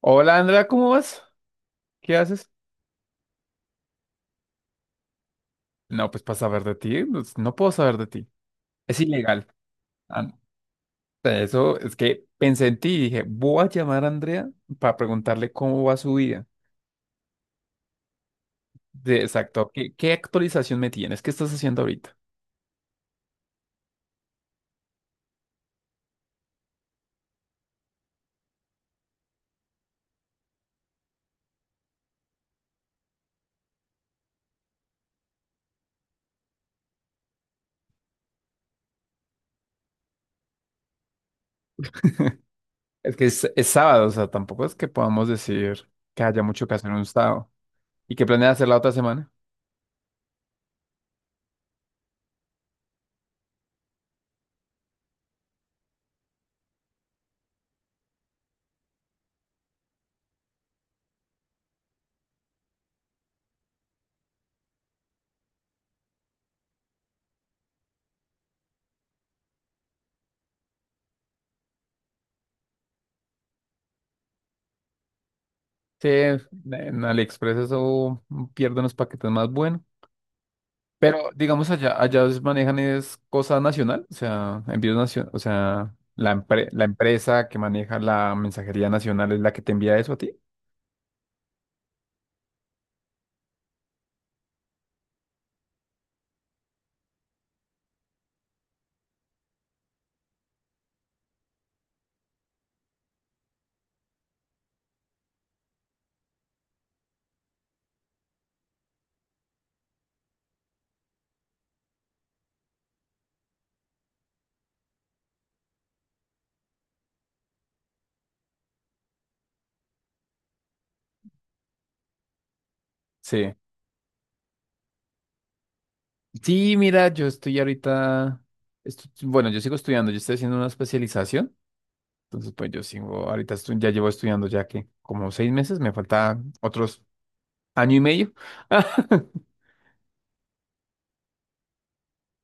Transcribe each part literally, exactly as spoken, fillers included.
Hola Andrea, ¿cómo vas? ¿Qué haces? No, pues para saber de ti, pues, no puedo saber de ti. Es ilegal. Ah, eso es que pensé en ti y dije, voy a llamar a Andrea para preguntarle cómo va su vida. De exacto, ¿qué, qué actualización me tienes? ¿Qué estás haciendo ahorita? Es que es, es sábado, o sea, tampoco es que podamos decir que haya mucho que hacer en un estado. ¿Y qué planeas hacer la otra semana? Sí, en AliExpress eso pierde unos paquetes más buenos. Pero digamos allá, allá os manejan es cosa nacional, o sea, envíos nacionales, o sea, la empre- la empresa que maneja la mensajería nacional es la que te envía eso a ti. Sí. Sí, mira, yo estoy ahorita, estu- bueno, yo sigo estudiando, yo estoy haciendo una especialización. Entonces, pues yo sigo, ahorita estu- ya llevo estudiando ya que como seis meses, me falta otros año y medio.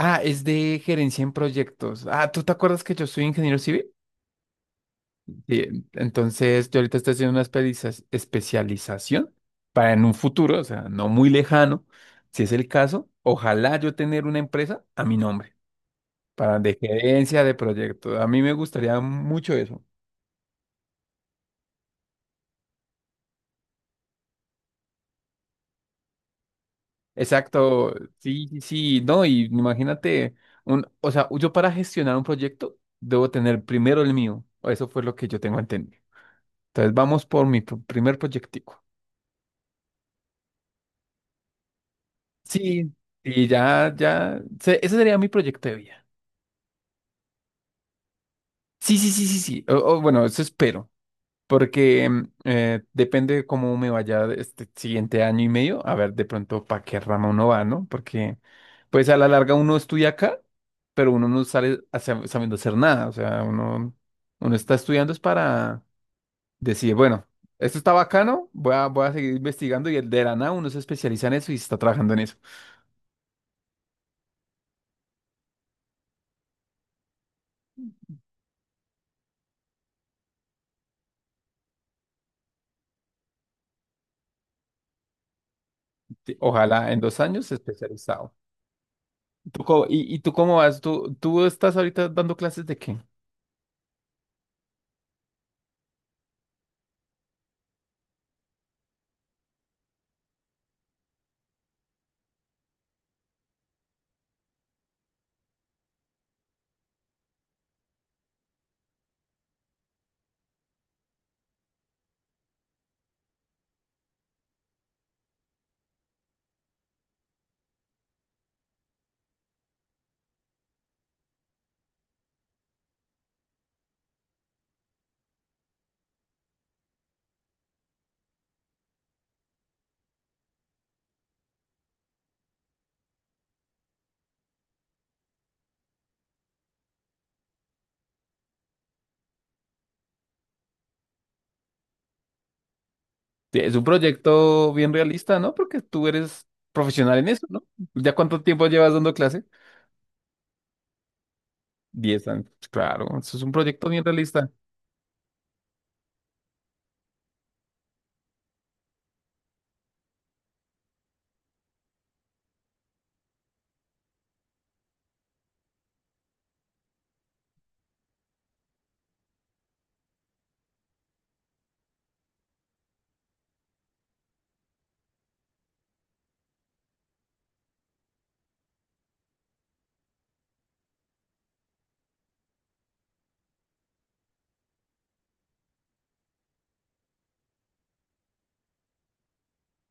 Ah, es de gerencia en proyectos. Ah, ¿tú te acuerdas que yo soy ingeniero civil? Sí, entonces yo ahorita estoy haciendo una espediza- especialización para en un futuro, o sea, no muy lejano, si es el caso, ojalá yo tener una empresa a mi nombre, para de gerencia de proyectos. A mí me gustaría mucho eso. Exacto, sí, sí, sí, no, y imagínate, un, o sea, yo para gestionar un proyecto debo tener primero el mío, o eso fue lo que yo tengo entendido. Entonces vamos por mi pr- primer proyectico. Sí, y ya, ya, se- ese sería mi proyecto de vida. Sí, sí, sí, sí, sí, o, o, bueno, eso espero. Porque em, eh, depende cómo me vaya este siguiente año y medio, a ver de pronto para qué rama uno va, ¿no? Porque pues a la larga uno estudia acá, pero uno no sale hacia- sabiendo hacer nada, o sea, uno, uno está estudiando es para decir, bueno, esto está bacano, voy a, voy a seguir investigando y el de la nada uno se especializa en eso y está trabajando en eso. Sí, ojalá en dos años especializado. ¿Tú, co- y, ¿Y tú cómo vas? ¿Tú, tú estás ahorita dando clases de qué? Sí, es un proyecto bien realista, ¿no? Porque tú eres profesional en eso, ¿no? ¿Ya cuánto tiempo llevas dando clase? Diez años. Pues, claro, eso es un proyecto bien realista.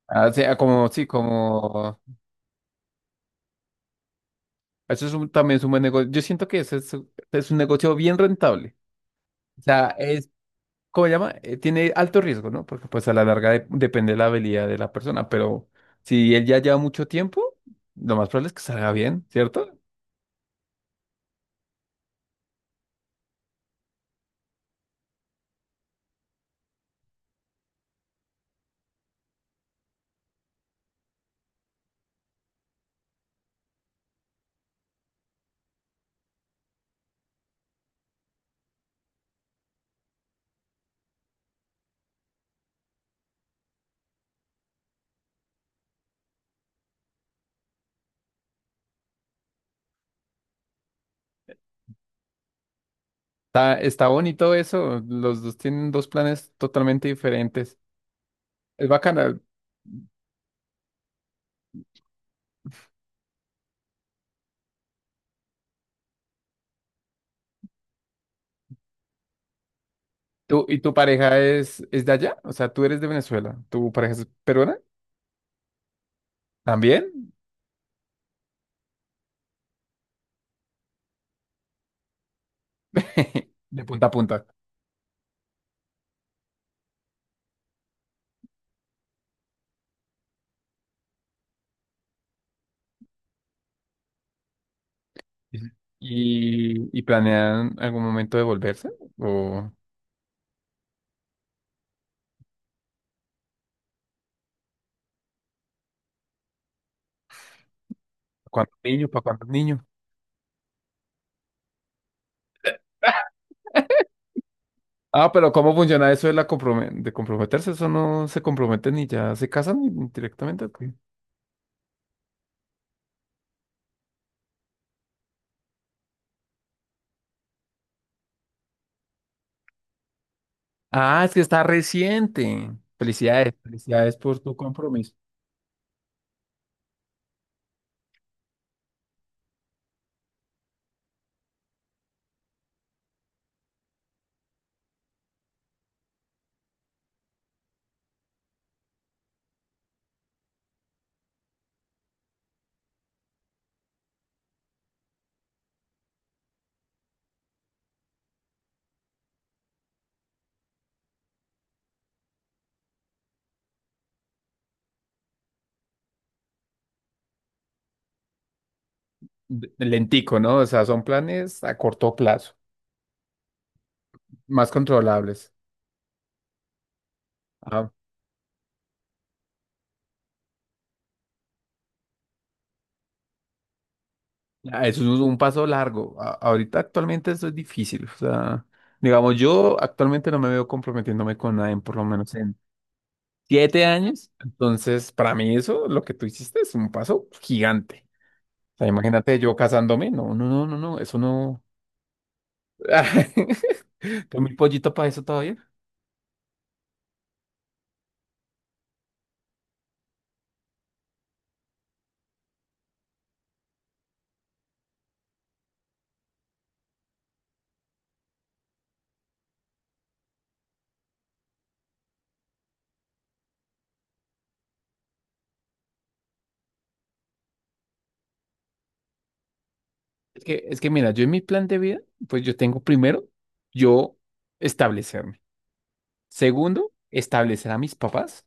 Ah, o sea, como, sí, como... Eso es un- también es un buen negocio. Yo siento que ese es, es un negocio bien rentable. O sea, es, ¿cómo se llama? Eh, tiene alto riesgo, ¿no? Porque pues a la larga de- depende de la habilidad de la persona, pero si él ya lleva mucho tiempo, lo más probable es que salga bien, ¿cierto? Está, está bonito eso. Los dos tienen dos planes totalmente diferentes. Es bacana. ¿Tú, y tu pareja es, es de allá? O sea, tú eres de Venezuela. ¿Tu pareja es peruana? ¿También? De punta a punta. Sí. ¿Y, y planean algún momento de volverse? ¿O cuántos niños? ¿Para cuántos niños? Ah, pero ¿cómo funciona eso de, la comprome- de comprometerse? Eso no se comprometen y ya se casan y- directamente. ¿O qué? Ah, es que está reciente. Felicidades, felicidades por tu compromiso. De- Lentico, ¿no? O sea, son planes a corto plazo, más controlables. Ah, ah, eso es un un paso largo. A- ahorita actualmente eso es difícil. O sea, digamos, yo actualmente no me veo comprometiéndome con nadie, por lo menos en siete años. Entonces, para mí eso, lo que tú hiciste es un paso gigante. O sea, imagínate yo casándome. No, no, no, no, no, eso no. Tengo mi pollito para eso todavía. Es que, es que mira, yo en mi plan de vida, pues yo tengo primero, yo establecerme. Segundo, establecer a mis papás.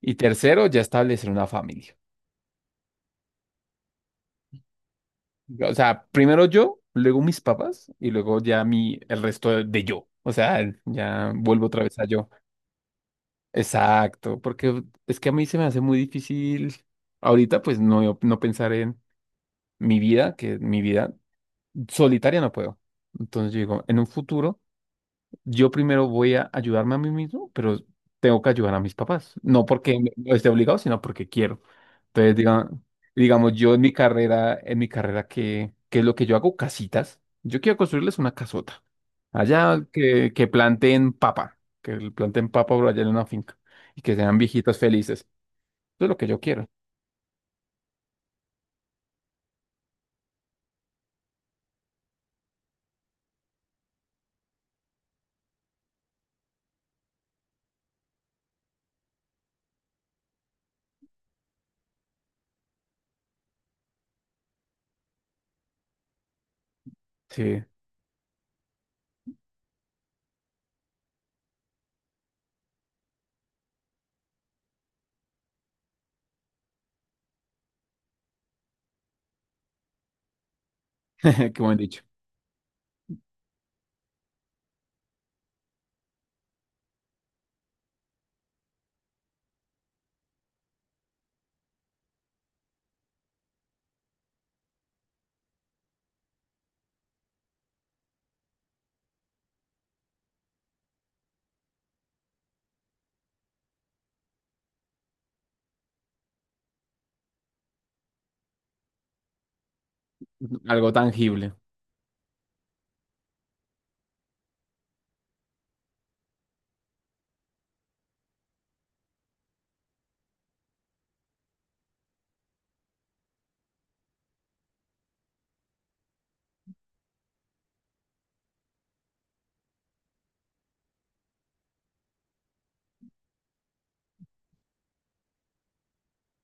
Y tercero, ya establecer una familia. O sea, primero yo, luego mis papás y luego ya mi, el resto de, yo. O sea, ya vuelvo otra vez a yo. Exacto, porque es que a mí se me hace muy difícil ahorita, pues no, no pensar en mi vida, que mi vida solitaria no puedo. Entonces yo digo, en un futuro, yo primero voy a ayudarme a mí mismo, pero tengo que ayudar a mis papás. No porque me- no esté obligado, sino porque quiero. Entonces, diga- digamos, yo en mi carrera, en mi carrera, ¿qué, qué es lo que yo hago? Casitas. Yo quiero construirles una casota. Allá que, que planten papa, que planten papa por allá en una finca y que sean viejitos felices. Eso es lo que yo quiero. Sí, qué buen dicho. Algo tangible.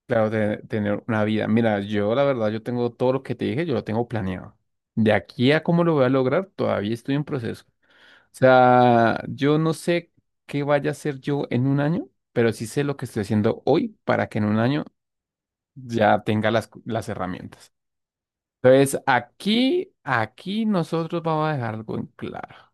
Claro, de- tener una vida. Mira, yo la verdad, yo tengo todo lo que te dije, yo lo tengo planeado. De aquí a cómo lo voy a lograr, todavía estoy en proceso. O sea, yo no sé qué vaya a hacer yo en un año, pero sí sé lo que estoy haciendo hoy para que en un año ya tenga las, las herramientas. Entonces, aquí, aquí nosotros vamos a dejar algo en claro.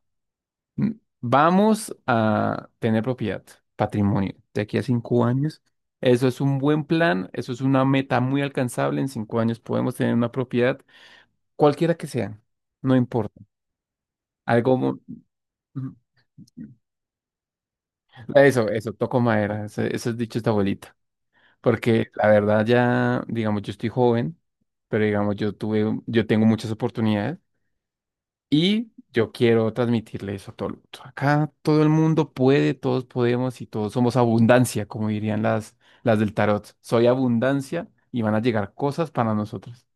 Mm, vamos a tener propiedad, patrimonio, de aquí a cinco años. Eso es un buen plan, eso es una meta muy alcanzable. En cinco años podemos tener una propiedad, cualquiera que sea, no importa. Algo, mo- ujú. Eso, eso, toco madera, ese, ese es dicho esta abuelita. Porque la verdad ya, digamos, yo estoy joven, pero digamos, yo tuve, yo tengo muchas oportunidades y yo quiero transmitirle eso a todo el mundo. Acá todo el mundo puede, todos podemos y todos somos abundancia, como dirían las, las del tarot. Soy abundancia y van a llegar cosas para nosotros.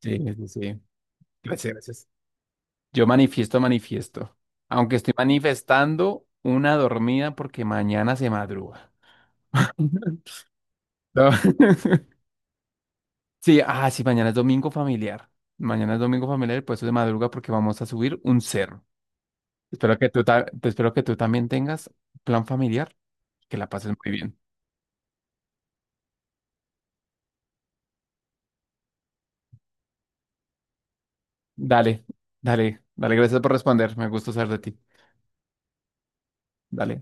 Sí, sí, sí. Gracias, gracias. Yo manifiesto, manifiesto. Aunque estoy manifestando una dormida porque mañana se madruga. No. Sí, ah, sí, mañana es domingo familiar. Mañana es domingo familiar, y por eso de madruga porque vamos a subir un cerro. Espero que tú, ta- te espero que tú también tengas plan familiar, que la pases muy bien. Dale, dale, dale, gracias por responder. Me gusta saber de ti. Dale.